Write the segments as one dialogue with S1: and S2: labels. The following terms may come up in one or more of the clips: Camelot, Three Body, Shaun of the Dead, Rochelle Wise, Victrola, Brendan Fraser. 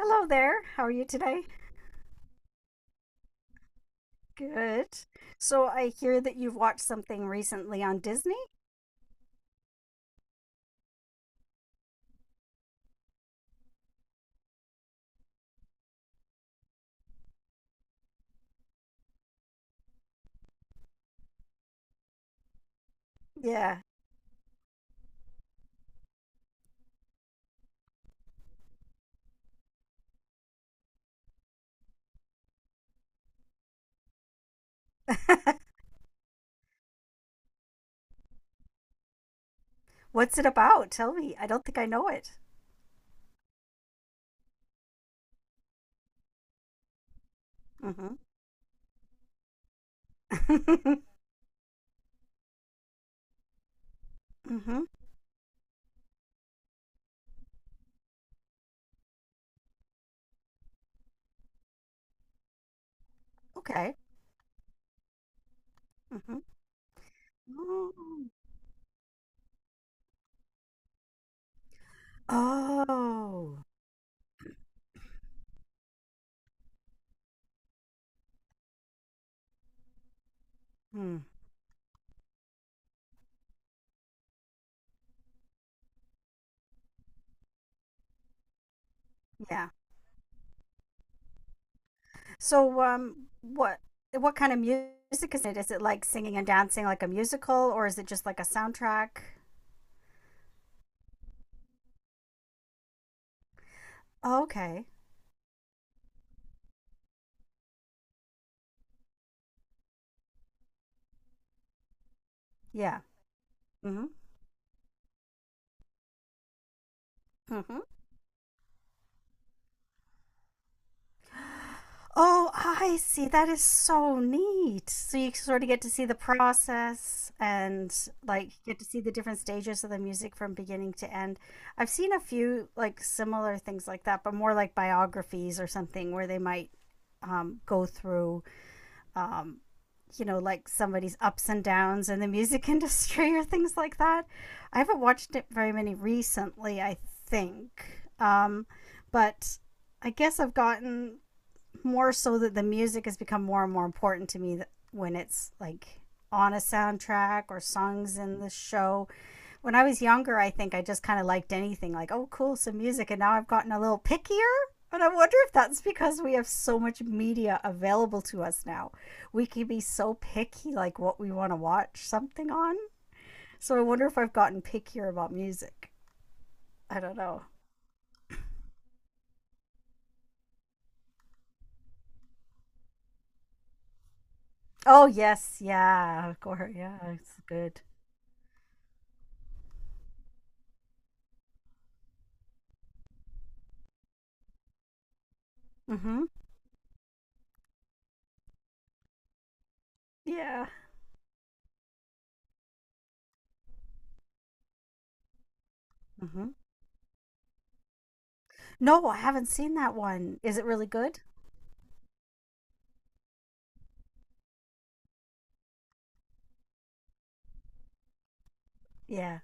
S1: Hello there. How are you today? Good. So I hear that you've watched something recently on Disney? Yeah. What's it about? Tell me. I don't think I know it. Mm-hmm. Mm-hmm. Okay. Mm-hmm. Oh. Oh. Hmm. Yeah. So what kind of music is it? Is it like singing and dancing like a musical or is it just like a soundtrack? Oh, okay. Yeah. Mm-hmm. Mm-hmm. Oh, I see. That is so neat. So you sort of get to see the process and like get to see the different stages of the music from beginning to end. I've seen a few like similar things like that, but more like biographies or something where they might go through, um, like somebody's ups and downs in the music industry or things like that. I haven't watched it very many recently, I think. But I guess I've gotten more so that the music has become more and more important to me that when it's like on a soundtrack or songs in the show. When I was younger, I think I just kind of liked anything like, oh, cool, some music. And now I've gotten a little pickier. And I wonder if that's because we have so much media available to us now. We can be so picky, like what we want to watch something on. So I wonder if I've gotten pickier about music. I don't know. Oh, yes. Yeah. Of course. Yeah. It's good. Mm hmm. Yeah. Mm hmm. No, I haven't seen that one. Is it really good? Yeah.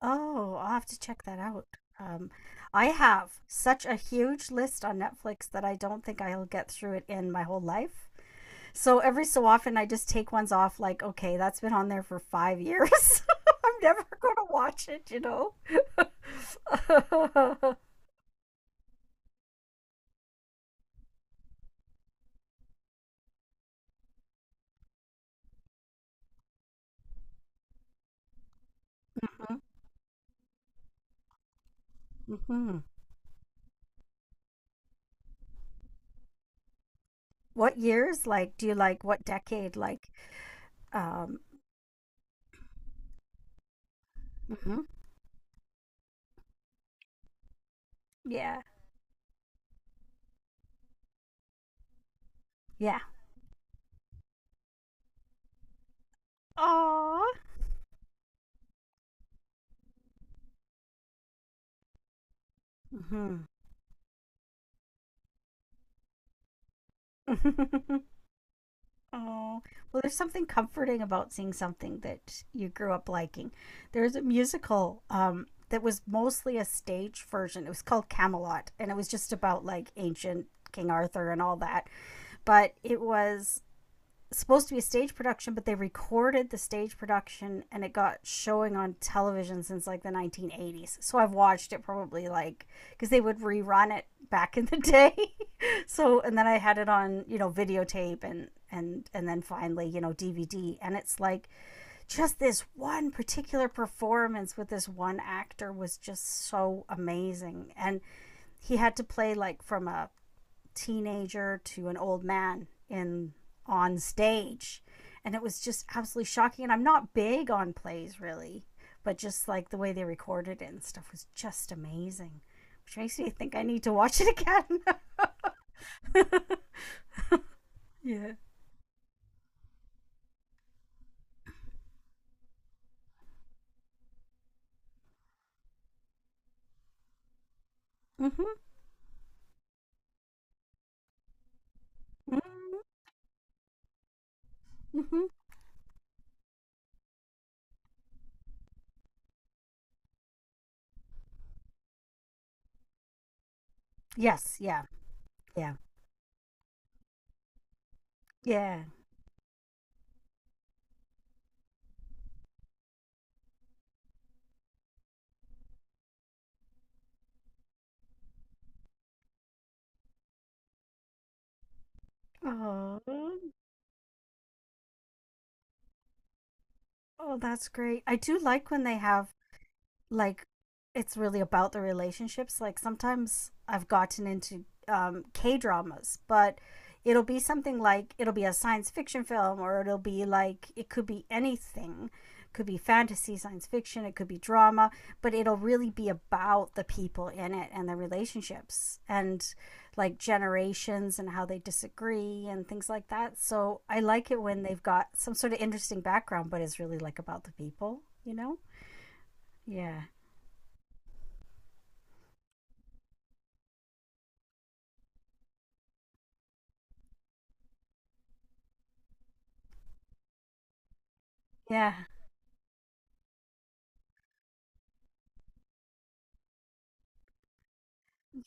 S1: Oh, I'll have to check that out. Um, I have such a huge list on Netflix that I don't think I'll get through it in my whole life. So every so often, I just take ones off, like, okay, that's been on there for 5 years. I'm never going to watch it, you know? Mhm, mhm. What years? Like, do you like what decade? Like, um, mhm. Yeah, yeah. Aww. Hmm. Oh, well, there's something comforting about seeing something that you grew up liking. There's a musical that was mostly a stage version. It was called Camelot, and it was just about like ancient King Arthur and all that. But it was supposed to be a stage production, but they recorded the stage production and it got showing on television since like the 1980s. So I've watched it probably like because they would rerun it back in the day. So and then I had it on videotape and then finally DVD, and it's like just this one particular performance with this one actor was just so amazing, and he had to play like from a teenager to an old man in on stage, and it was just absolutely shocking. And I'm not big on plays really, but just like the way they recorded it and stuff was just amazing, which makes me think I need to watch it again. Yeah. Mm-hmm. Mm-hmm. Mm-hmm. Yes. Yeah, yeah, yeah. Oh. Oh, that's great. I do like when they have, like, it's really about the relationships. Like sometimes I've gotten into K dramas, but it'll be something like it'll be a science fiction film, or it'll be like it could be anything. It could be fantasy, science fiction, it could be drama, but it'll really be about the people in it and the relationships and like generations and how they disagree and things like that. So I like it when they've got some sort of interesting background, but it's really like about the people, you know? Yeah. Yeah.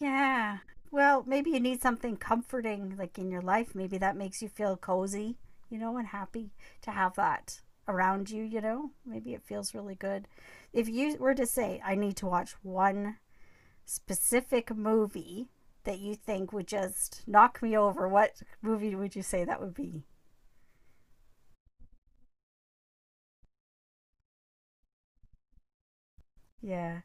S1: Yeah. Well, maybe you need something comforting like in your life. Maybe that makes you feel cozy, and happy to have that around you, you know? Maybe it feels really good. If you were to say, I need to watch one specific movie that you think would just knock me over, what movie would you say that would be? Yeah.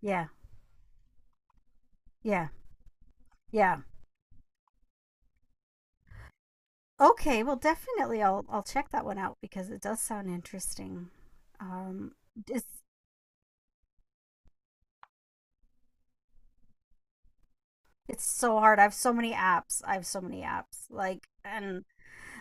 S1: Yeah. Yeah. Yeah. Okay, well definitely I'll check that one out because it does sound interesting. Um is It's so hard. I have so many apps. I have so many apps. Like and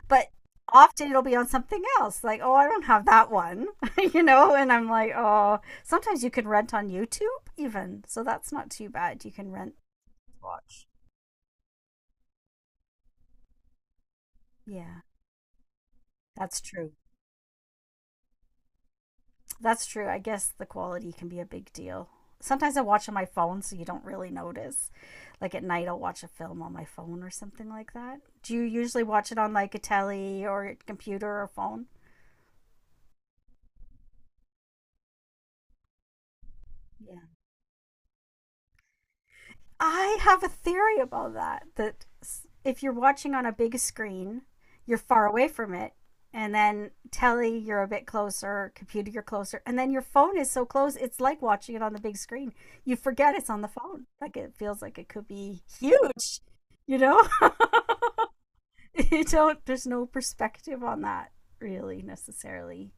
S1: but often it'll be on something else. Like, oh, I don't have that one. And I'm like, oh, sometimes you can rent on YouTube even. So that's not too bad. You can rent, watch. Yeah. That's true. That's true. I guess the quality can be a big deal. Sometimes I watch on my phone so you don't really notice. Like at night I'll watch a film on my phone or something like that. Do you usually watch it on like a telly or a computer or phone? Yeah. I have a theory about that. That if you're watching on a big screen, you're far away from it, and then telly, you're a bit closer, computer, you're closer, and then your phone is so close, it's like watching it on the big screen. You forget it's on the phone. Like it feels like it could be huge, you know? You don't, there's no perspective on that really necessarily.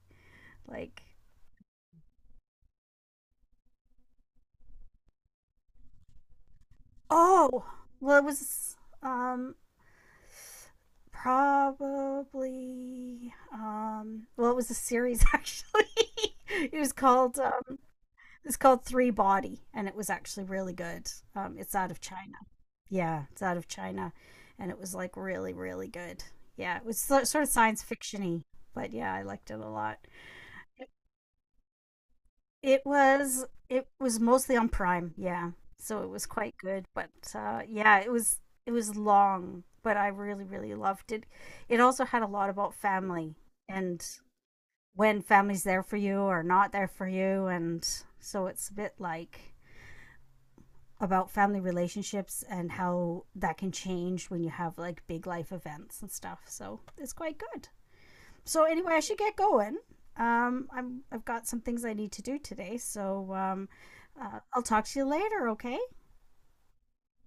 S1: Like, oh, well, it was um probably. Well, it was a series actually. it was called um, it's called Three Body, and it was actually really good. It's out of China. Yeah, it's out of China, and it was like really, really good. Yeah, it was sort of science fictiony, but yeah, I liked it a lot. It was mostly on Prime, yeah. So it was quite good, but yeah, it was long, but I really really loved it. It also had a lot about family and when family's there for you or not there for you, and so it's a bit like about family relationships and how that can change when you have like big life events and stuff. So it's quite good. So anyway, I should get going. I've got some things I need to do today, so I'll talk to you later. Okay.